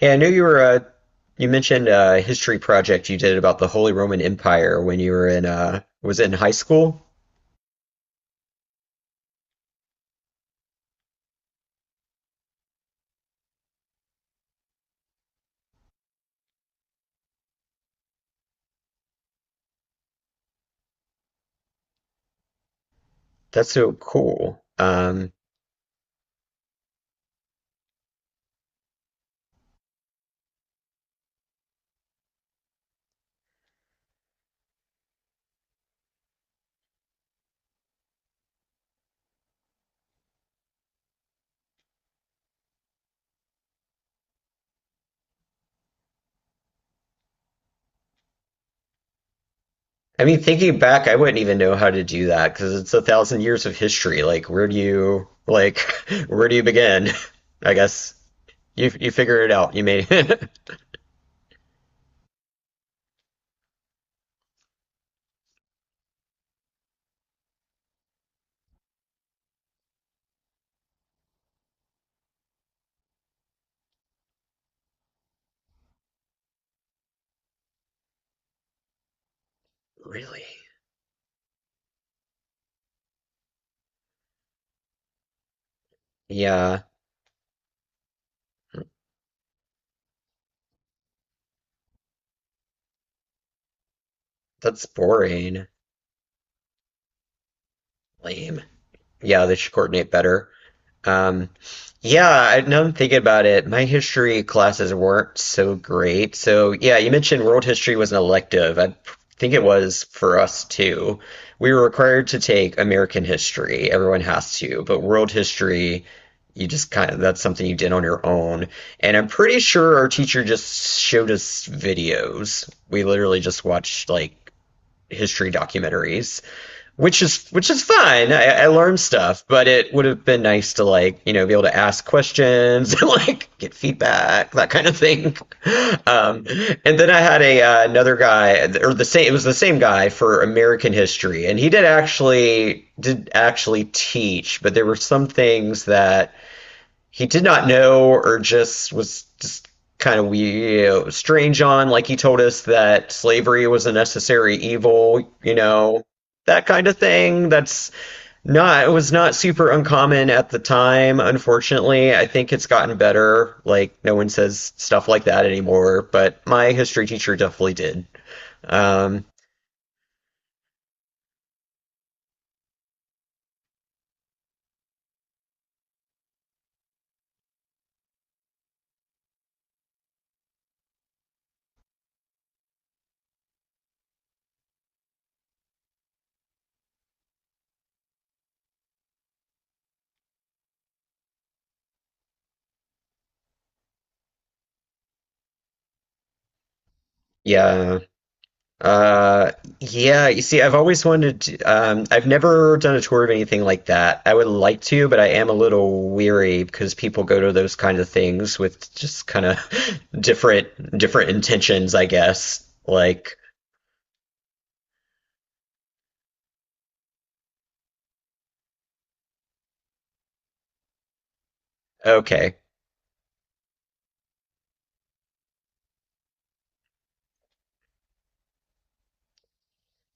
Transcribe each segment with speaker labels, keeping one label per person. Speaker 1: Yeah, I knew you were you mentioned a history project you did about the Holy Roman Empire when you were in was it in high school? That's so cool. I mean, thinking back, I wouldn't even know how to do that because it's a thousand years of history. Like, where do you where do you begin? I guess you figure it out. You may really. Yeah, that's boring. Lame. Yeah, they should coordinate better. Um, yeah, now I'm thinking about it, my history classes weren't so great. So, yeah, you mentioned world history was an elective. I think it was for us too. We were required to take American history. Everyone has to, but world history, you just kind of, that's something you did on your own. And I'm pretty sure our teacher just showed us videos. We literally just watched like history documentaries, which is fine. I learned stuff, but it would have been nice to like be able to ask questions and like get feedback, that kind of thing. Um, and then I had a another guy or the same it was the same guy for American history, and he did actually teach, but there were some things that he did not know or just was just kind of we strange on, like he told us that slavery was a necessary evil, you know, that kind of thing. That's not, it was not super uncommon at the time, unfortunately. I think it's gotten better. Like, no one says stuff like that anymore, but my history teacher definitely did. um yeah. Uh, yeah, you see, I've always wanted to. I've never done a tour of anything like that. I would like to, but I am a little weary because people go to those kind of things with just kind of different intentions, I guess. Like, okay.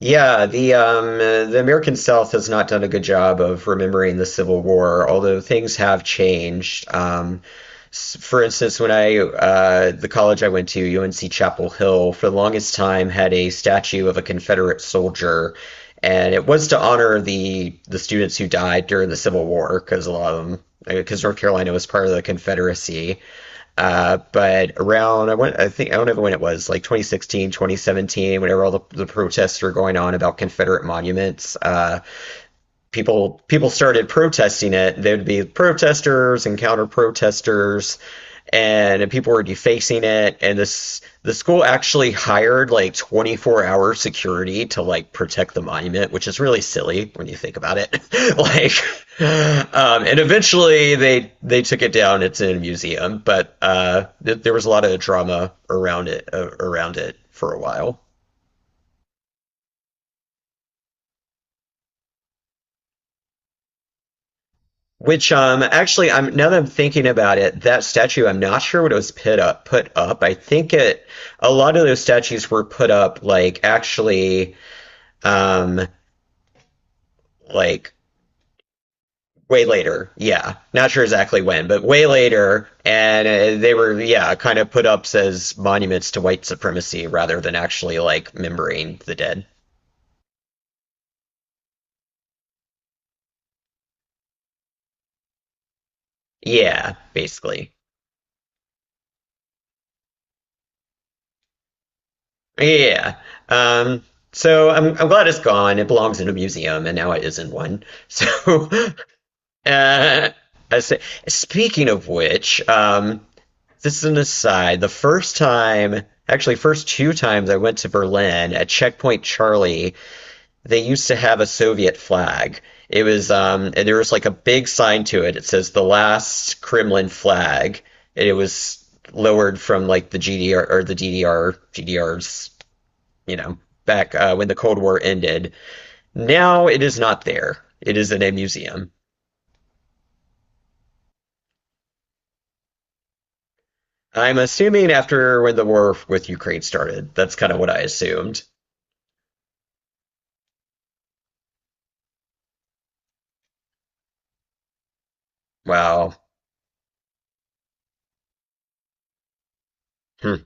Speaker 1: Yeah, the American South has not done a good job of remembering the Civil War, although things have changed. For instance, when I the college I went to, UNC Chapel Hill, for the longest time had a statue of a Confederate soldier, and it was to honor the students who died during the Civil War, because a lot of them, because North Carolina was part of the Confederacy. But around, I think, I don't know when it was, like 2016, 2017, whenever all the protests were going on about Confederate monuments, people started protesting it. There'd be protesters and counter protesters, and people were defacing it. And this the school actually hired like 24-hour security to like protect the monument, which is really silly when you think about it. Like, and eventually they took it down. It's in a museum, but there was a lot of drama around it, for a while. Which, actually, I'm now that I'm thinking about it, that statue, I'm not sure what it was put up. I think it, a lot of those statues were put up like actually, um like way later. Yeah. Not sure exactly when, but way later, and they were, yeah, kind of put up as monuments to white supremacy rather than actually like remembering the dead. Yeah, basically. Yeah. Um so I'm glad it's gone. It belongs in a museum and now it is in one. So Uh, I say, speaking of which, this is an aside. The first time, actually, first two times I went to Berlin, at Checkpoint Charlie, they used to have a Soviet flag. It was, and there was like a big sign to it. It says the last Kremlin flag. And it was lowered from like the GDR, or the DDR, GDR's, you know, back when the Cold War ended. Now it is not there. It is in a museum. I'm assuming after when the war with Ukraine started. That's kind of what I assumed. Wow. Hmm.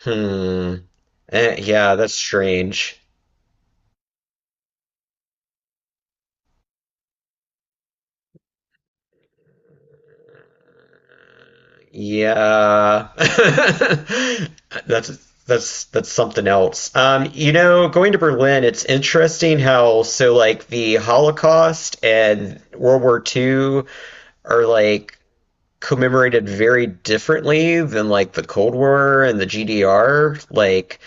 Speaker 1: Hmm. Eh, yeah, that's strange. Yeah. That's that's something else. You know, going to Berlin, it's interesting how like the Holocaust and World War II are like commemorated very differently than like the Cold War and the GDR. Like,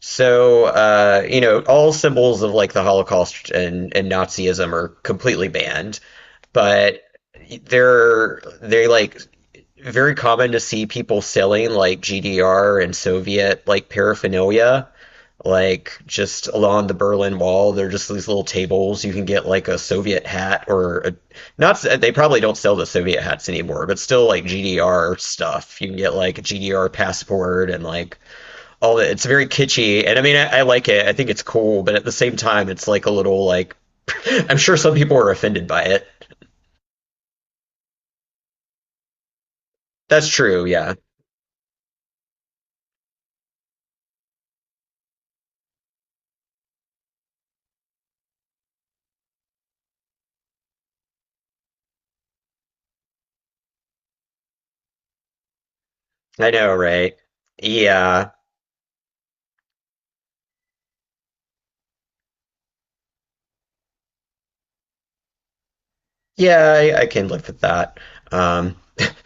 Speaker 1: so, you know, all symbols of like the Holocaust and Nazism are completely banned, but they're they like very common to see people selling like GDR and Soviet like paraphernalia, like just along the Berlin Wall. They're just these little tables. You can get like a Soviet hat, not. They probably don't sell the Soviet hats anymore, but still like GDR stuff. You can get like a GDR passport and like all that. It's very kitschy, and I mean, I like it. I think it's cool, but at the same time, it's like a little like I'm sure some people are offended by it. That's true. Yeah, I know, right? Yeah, yeah, I can live with that. Um,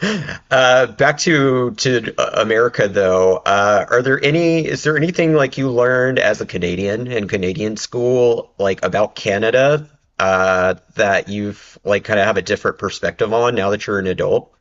Speaker 1: back to America though. Are there any? Is there anything like you learned as a Canadian in Canadian school, like about Canada, that you've like kind of have a different perspective on now that you're an adult?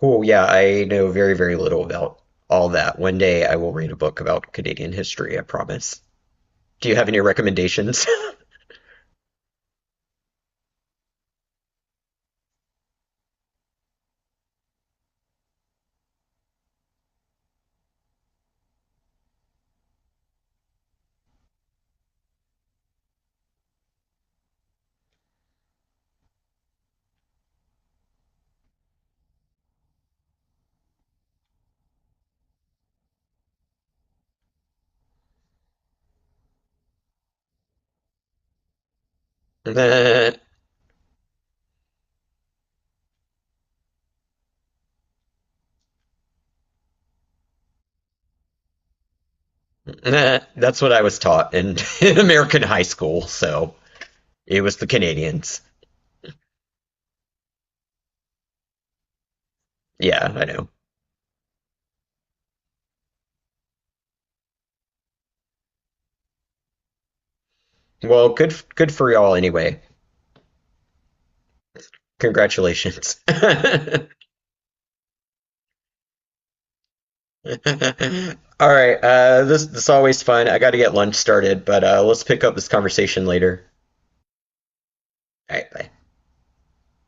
Speaker 1: Cool. Yeah, I know very, very little about all that. One day I will read a book about Canadian history, I promise. Do you have any recommendations? Nah, nah. That's what I was taught in, in American high school, so it was the Canadians. Yeah, I know. Well, good good for y'all anyway. Congratulations. All right, this is always fun. I got to get lunch started, but let's pick up this conversation later. All right, bye.